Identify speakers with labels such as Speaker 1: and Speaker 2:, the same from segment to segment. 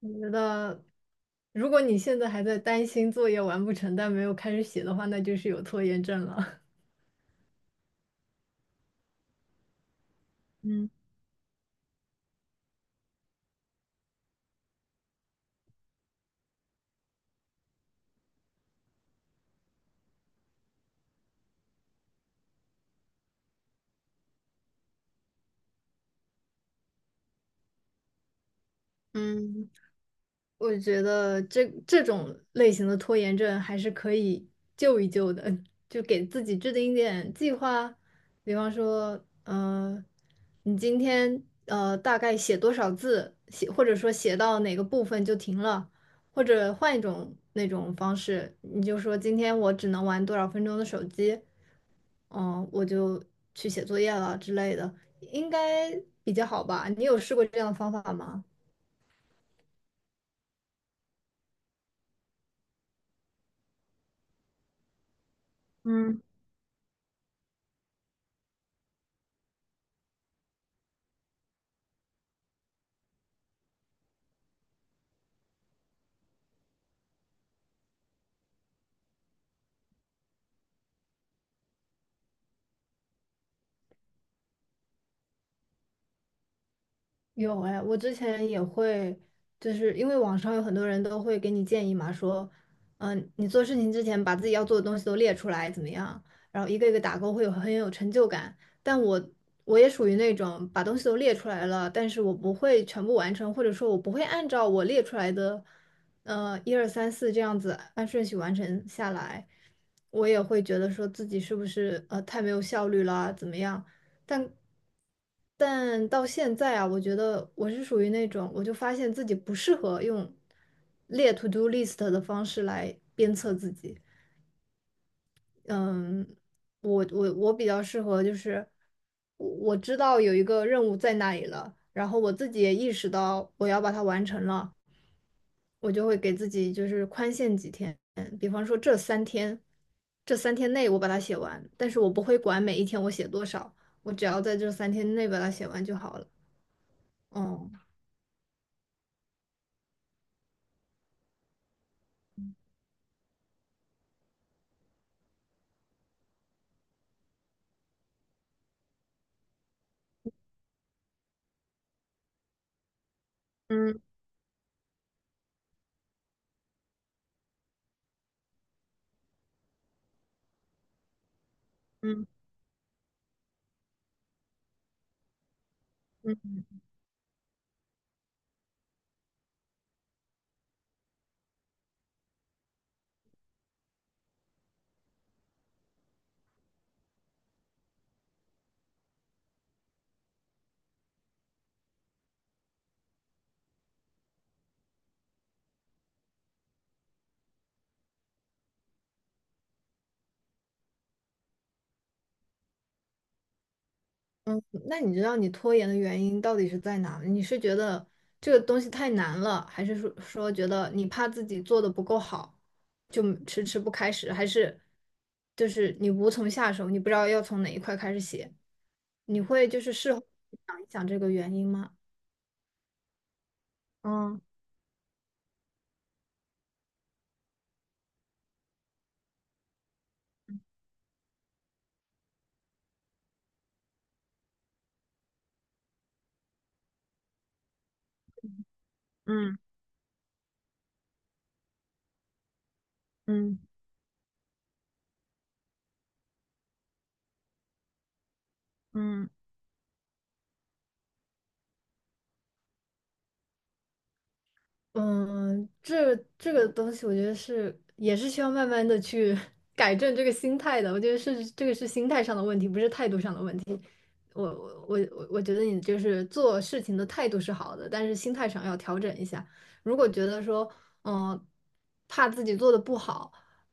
Speaker 1: 我觉得，如果你现在还在担心作业完不成但没有开始写的话，那就是有拖延症了。嗯嗯。我觉得这种类型的拖延症还是可以救一救的，就给自己制定一点计划，比方说，你今天大概写多少字，或者说写到哪个部分就停了，或者换一种那种方式，你就说今天我只能玩多少分钟的手机，我就去写作业了之类的，应该比较好吧？你有试过这样的方法吗？嗯。有哎，我之前也会，就是因为网上有很多人都会给你建议嘛，说，你做事情之前把自己要做的东西都列出来，怎么样？然后一个一个打勾，会有很有成就感。但我也属于那种把东西都列出来了，但是我不会全部完成，或者说我不会按照我列出来的，一二三四这样子按顺序完成下来，我也会觉得说自己是不是太没有效率啦，怎么样？但但到现在啊，我觉得我是属于那种，我就发现自己不适合用列 to do list 的方式来鞭策自己。嗯，我比较适合，就是我知道有一个任务在那里了，然后我自己也意识到我要把它完成了，我就会给自己就是宽限几天，比方说这三天，这三天内我把它写完，但是我不会管每一天我写多少，我只要在这三天内把它写完就好了。哦，嗯嗯嗯。嗯，那你知道你拖延的原因到底是在哪？你是觉得这个东西太难了，还是说觉得你怕自己做的不够好，就迟迟不开始，还是就是你无从下手，你不知道要从哪一块开始写？你会就是事后想一想这个原因吗？嗯嗯嗯嗯。嗯，这个东西，我觉得是也是需要慢慢的去 改正这个心态的。我觉得是这个是心态上的问题，不是态度上的问题。我觉得你就是做事情的态度是好的，但是心态上要调整一下。如果觉得说，嗯，怕自己做的不好，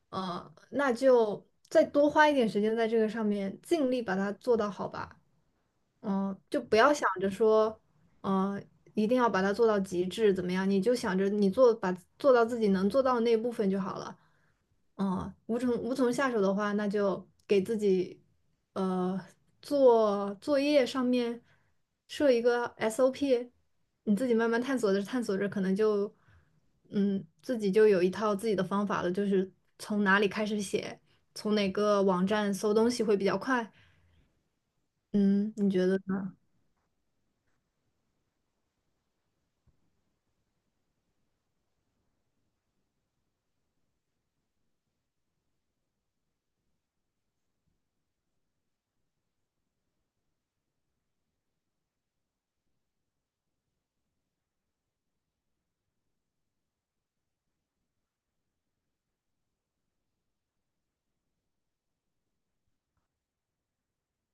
Speaker 1: 那就再多花一点时间在这个上面，尽力把它做到好吧。就不要想着说，嗯，一定要把它做到极致，怎么样？你就想着把做到自己能做到的那一部分就好了。无从下手的话，那就给自己，呃，做作业上面设一个 SOP，你自己慢慢探索着探索着，可能就，自己就有一套自己的方法了，就是从哪里开始写，从哪个网站搜东西会比较快。嗯，你觉得？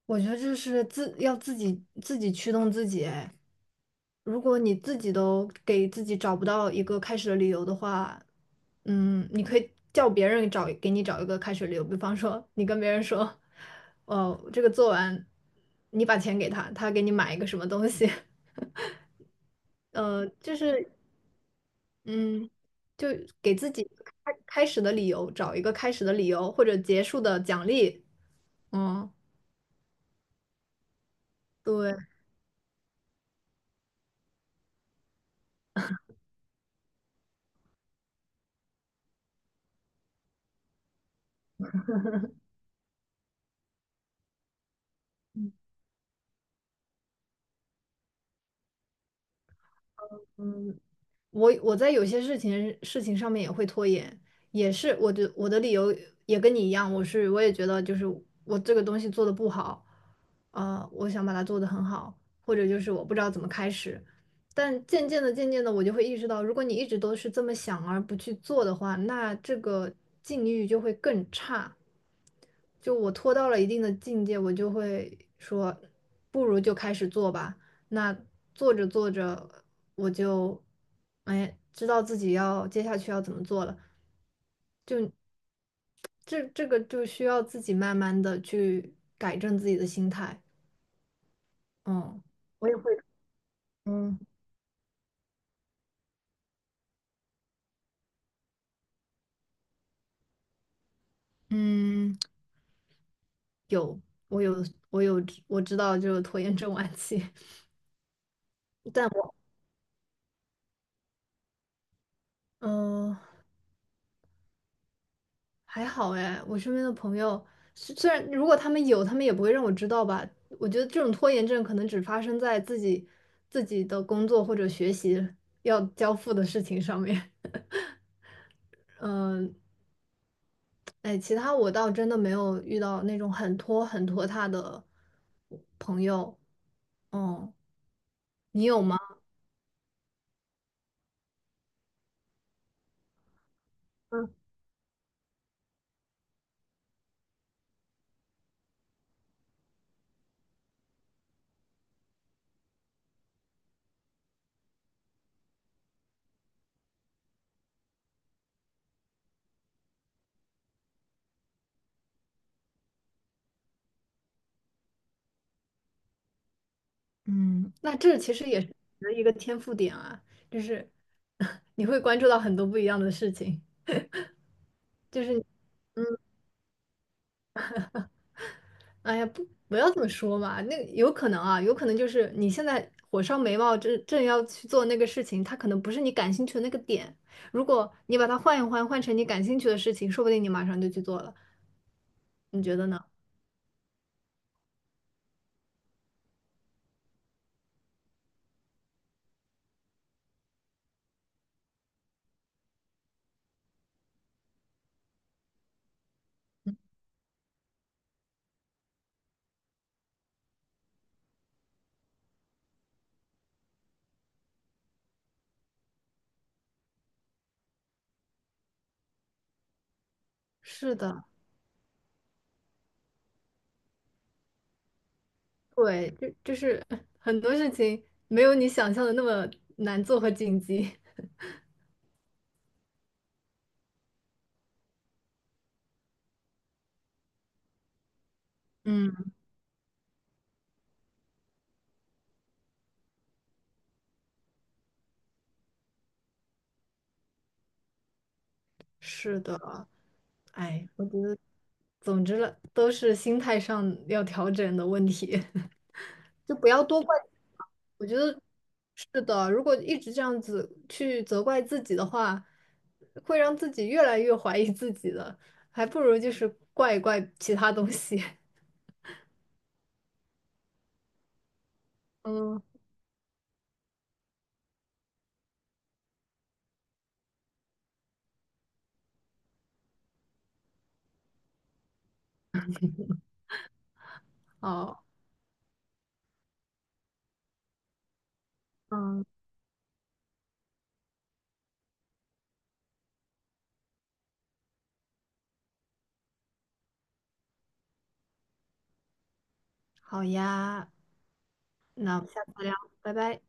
Speaker 1: 我觉得这是要自己驱动自己哎。如果你自己都给自己找不到一个开始的理由的话，你可以叫别人给你找一个开始的理由，比方说你跟别人说，哦，这个做完，你把钱给他，他给你买一个什么东西，就是，嗯，就给自己开始的理由，找一个开始的理由或者结束的奖励，嗯，对。嗯，我在有些事情上面也会拖延，也是我的理由也跟你一样，我也觉得就是我这个东西做的不好，我想把它做得很好，或者就是我不知道怎么开始，但渐渐的我就会意识到，如果你一直都是这么想而不去做的话，那这个境遇就会更差。就我拖到了一定的境界，我就会说，不如就开始做吧。那做着做着，我就哎知道自己要接下去要怎么做了。这个就需要自己慢慢的去改正自己的心态。嗯，我也会。嗯嗯，我有我有我知道就是拖延症晚期，但我嗯、还好哎，我身边的朋友虽然如果他们有，他们也不会让我知道吧。我觉得这种拖延症可能只发生在自己的工作或者学习要交付的事情上面。嗯，哎，其他我倒真的没有遇到那种很拖沓的朋友。哦，你有吗？嗯，嗯，那这其实也是你的一个天赋点啊，就是 你会关注到很多不一样的事情，就是。嗯。哎呀，不，不要这么说嘛。那有可能啊，有可能就是你现在火烧眉毛正要去做那个事情，它可能不是你感兴趣的那个点。如果你把它换一换，换成你感兴趣的事情，说不定你马上就去做了。你觉得呢？是的，对，就就是很多事情没有你想象的那么难做和紧急。嗯，是的，哎，我觉得，总之了，都是心态上要调整的问题。就不要多怪自己嘛。我觉得是的，如果一直这样子去责怪自己的话，会让自己越来越怀疑自己的，还不如就是怪一怪其他东西。嗯，好，嗯，好呀，那我们下次聊，拜拜。